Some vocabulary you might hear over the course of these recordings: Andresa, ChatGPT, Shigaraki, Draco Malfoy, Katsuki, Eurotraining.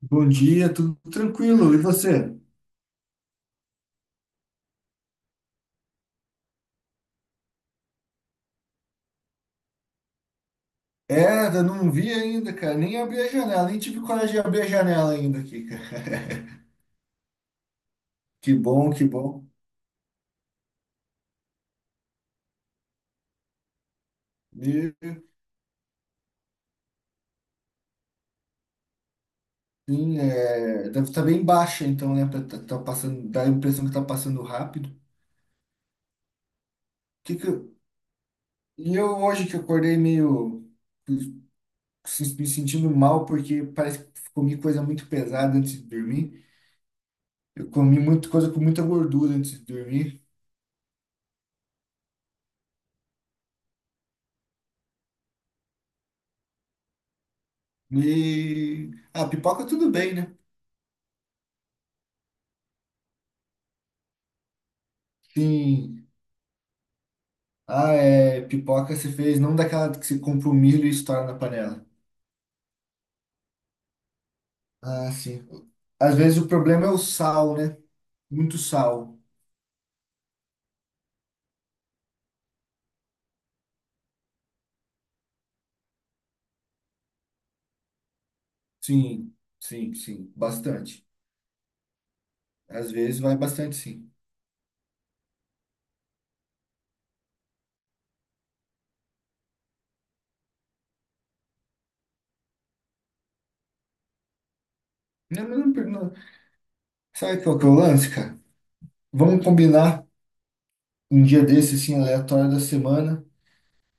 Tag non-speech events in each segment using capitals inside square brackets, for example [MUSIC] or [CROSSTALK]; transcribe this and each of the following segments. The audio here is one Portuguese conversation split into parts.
Bom dia, tudo tranquilo? E você? É, eu não vi ainda, cara. Nem abri a janela, nem tive coragem de abrir a janela ainda aqui, cara. [LAUGHS] Que bom, que bom. E, sim, é, deve estar bem baixa, então, né? Tá, passando, dá a impressão que tá passando rápido. Que que eu- e eu hoje que acordei meio me sentindo mal, porque parece que comi coisa muito pesada antes de dormir. Eu comi muita coisa com muita gordura antes de dormir. E a pipoca tudo bem, né? Sim. Ah, é. Pipoca se fez não daquela que se compra o milho e estoura na panela. Ah, sim. Às vezes o problema é o sal, né? Muito sal. Sim, sim, sim. Bastante. Às vezes vai bastante, sim. Não, mas não, não. Sabe qual que é o lance, cara? Vamos combinar um dia desse, assim, aleatório da semana.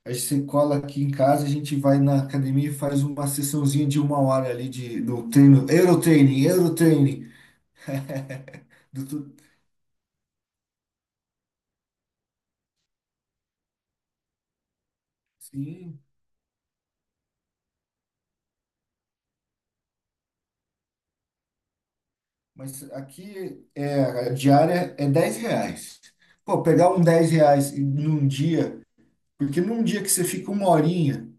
A gente se cola aqui em casa, a gente vai na academia e faz uma sessãozinha de uma hora ali do treino. Eurotraining, Eurotraining. [LAUGHS] Do, tu- sim. Mas aqui é, a diária é 10 reais. Pô, pegar um 10 reais num dia, porque num dia que você fica uma horinha,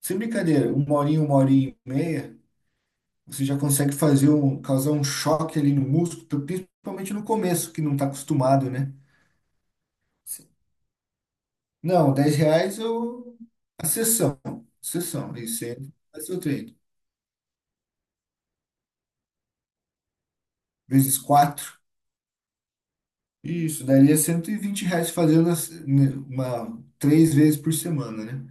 sem brincadeira, uma horinha e meia, você já consegue causar um choque ali no músculo, então, principalmente no começo, que não está acostumado, né? Não, 10 reais eu. A sessão. Sessão. Aí você entra, faz seu treino. Vezes quatro. Isso, daria 120 reais fazendo né, 3 vezes por semana, né?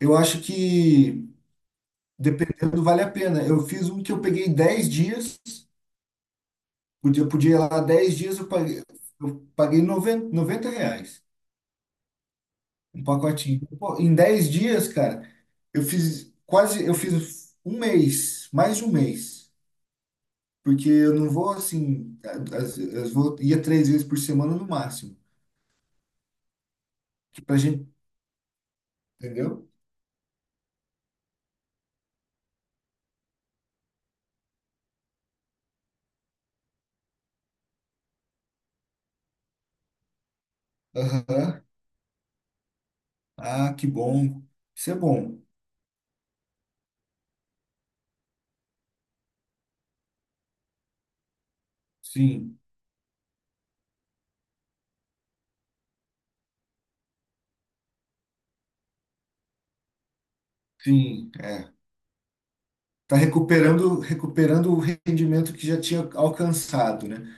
Eu acho que, dependendo, vale a pena. Eu fiz um que eu peguei 10 dias, podia ir lá 10 dias, eu paguei 90, R$ 90, um pacotinho. Pô, em 10 dias, cara, eu fiz quase, eu fiz um mês, mais de um mês, porque eu não vou assim, ia três vezes por semana no máximo, que pra gente, entendeu? Aham. Ah, que bom. Isso é bom. Sim, sim. É. Tá recuperando, recuperando o rendimento que já tinha alcançado, né?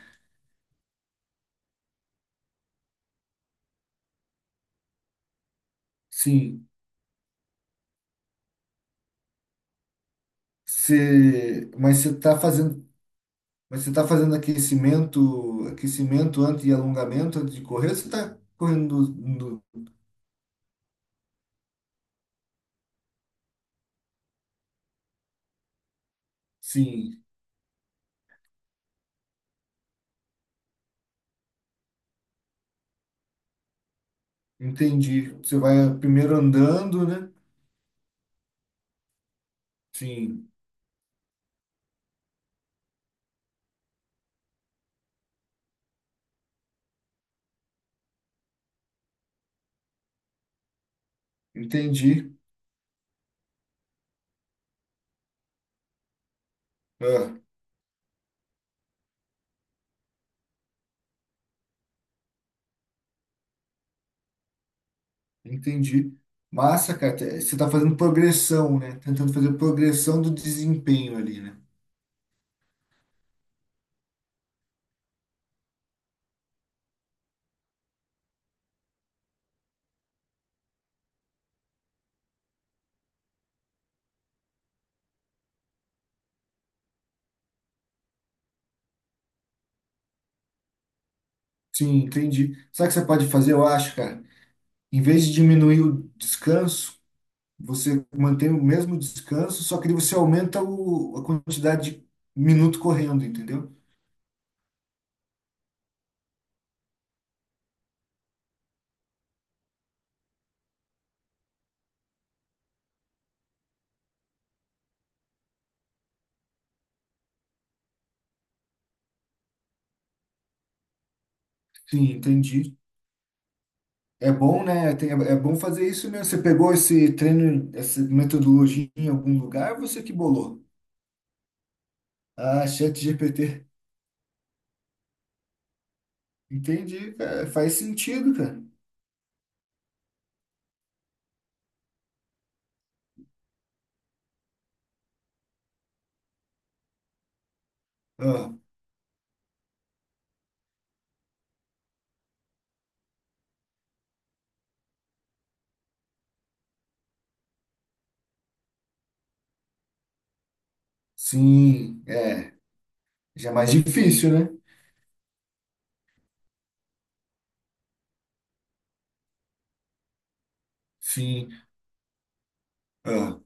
Sim. Você, mas você tá fazendo, mas você tá fazendo aquecimento, aquecimento antes e alongamento antes de correr, ou você tá correndo? Sim, entendi. Você vai primeiro andando, né? Sim, entendi. Ah, entendi. Massa, cara. Você tá fazendo progressão, né? Tentando fazer progressão do desempenho ali, né? Sim, entendi. Sabe o que você pode fazer, eu acho, cara? Em vez de diminuir o descanso, você mantém o mesmo descanso, só que você aumenta a quantidade de minuto correndo, entendeu? Sim, entendi. É bom, né? É bom fazer isso mesmo. Você pegou esse treino, essa metodologia em algum lugar, você que bolou? Ah, ChatGPT. Entendi, cara. Faz sentido, cara. Ah, sim, é. Já é mais difícil, né? Sim. Ah,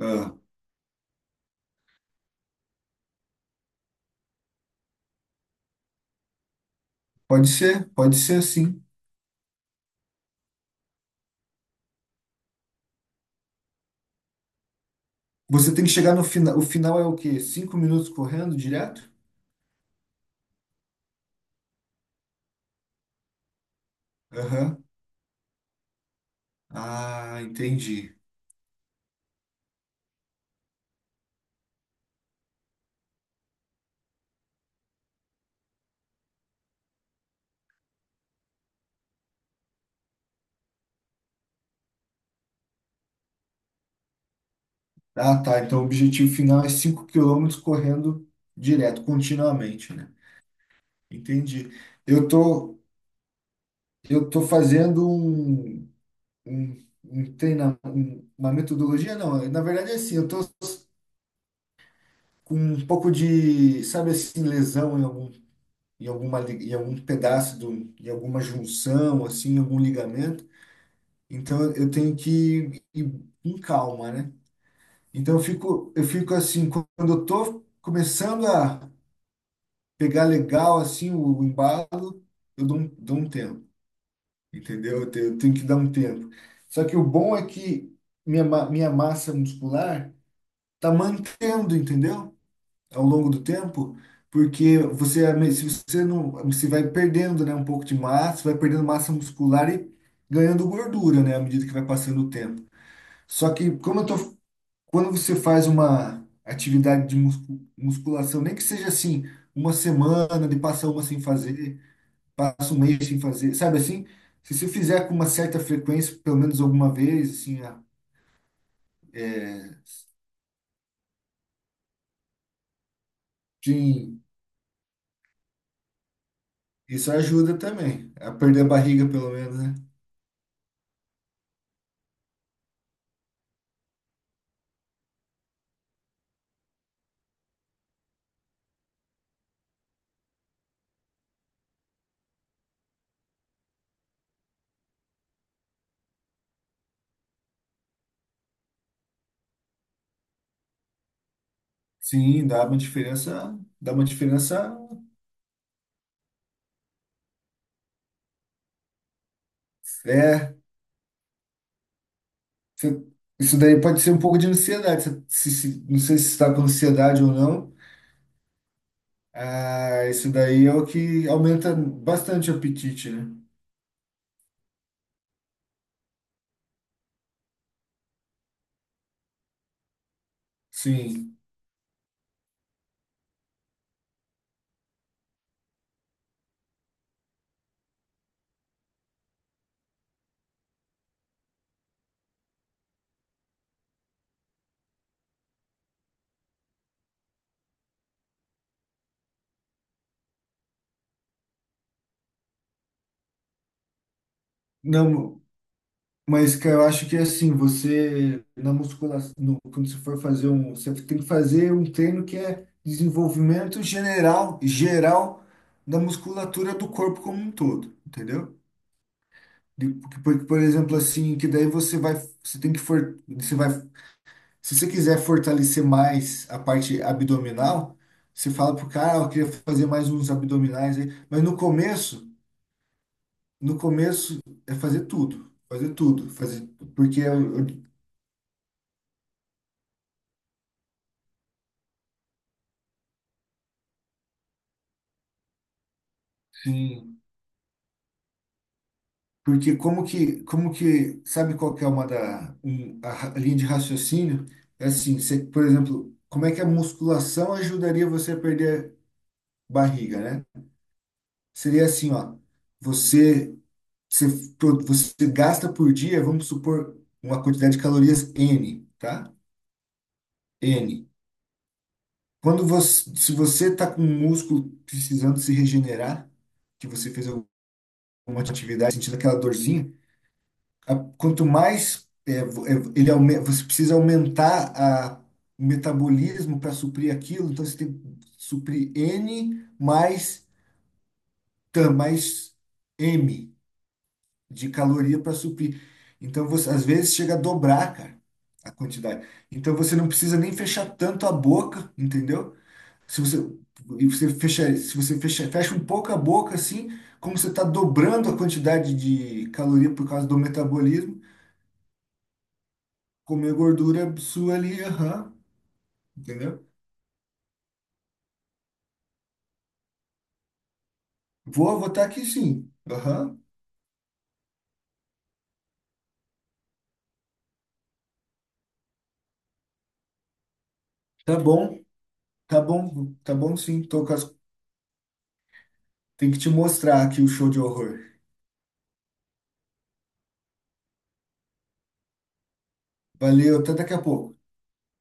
ah. Pode ser sim. Você tem que chegar no final. O final é o quê? 5 minutos correndo direto? Aham. Ah, entendi. Ah, tá. Então o objetivo final é 5 quilômetros correndo direto, continuamente, né? Entendi. Eu tô, eu tô fazendo um treinamento, uma metodologia, não. Na verdade é assim, eu tô com um pouco de, sabe assim, lesão em algum, em alguma, li- em algum pedaço em alguma junção, assim, em algum ligamento. Então eu tenho que ir com calma, né? Então eu fico assim, quando eu tô começando a pegar legal assim o embalo, eu dou um tempo, entendeu? Eu tenho que dar um tempo. Só que o bom é que minha massa muscular tá mantendo, entendeu? Ao longo do tempo, porque você se você não, você vai perdendo, né, um pouco de massa, vai perdendo massa muscular e ganhando gordura, né, à medida que vai passando o tempo. Só que como eu tô quando você faz uma atividade de musculação, nem que seja assim, uma semana, de passa uma sem fazer, passa um mês sem fazer, sabe assim? Se você fizer com uma certa frequência, pelo menos alguma vez, assim, é, sim, isso ajuda também a perder a barriga, pelo menos, né? Sim, dá uma diferença, é, você- isso daí pode ser um pouco de ansiedade, não sei se está com ansiedade ou não. Ah, isso daí é o que aumenta bastante o apetite, né? Sim. Não, mas cara, eu acho que é assim, você na musculação, quando você tem que fazer um treino que é desenvolvimento geral da musculatura do corpo como um todo, entendeu? Porque, por exemplo, assim, que daí você vai, você tem que for, você vai. Se você quiser fortalecer mais a parte abdominal, você fala pro cara, "Ah, eu queria fazer mais uns abdominais aí. Mas no começo, no começo é fazer tudo, fazer tudo, fazer porque eu- eu- Sim, porque como que sabe qual que é uma da um- a ra- linha de raciocínio? É assim, você, por exemplo, como é que a musculação ajudaria você a perder barriga, né? Seria assim, ó. Você, você, você gasta por dia, vamos supor, uma quantidade de calorias N, tá? N. Se você está com um músculo precisando se regenerar, que você fez alguma atividade, sentindo aquela dorzinha, quanto mais você precisa aumentar o metabolismo para suprir aquilo, então você tem que suprir N mais M de caloria para suprir. Então, você, às vezes chega a dobrar, cara, a quantidade. Então, você não precisa nem fechar tanto a boca, entendeu? Se você fecha um pouco a boca, assim, como você está dobrando a quantidade de caloria por causa do metabolismo, comer gordura sua ali, aham, entendeu? Vou votar aqui sim, aham. Tá bom, tá bom, tá bom, sim. Tô com. Tem que te mostrar aqui o show de horror. Valeu, até daqui a pouco.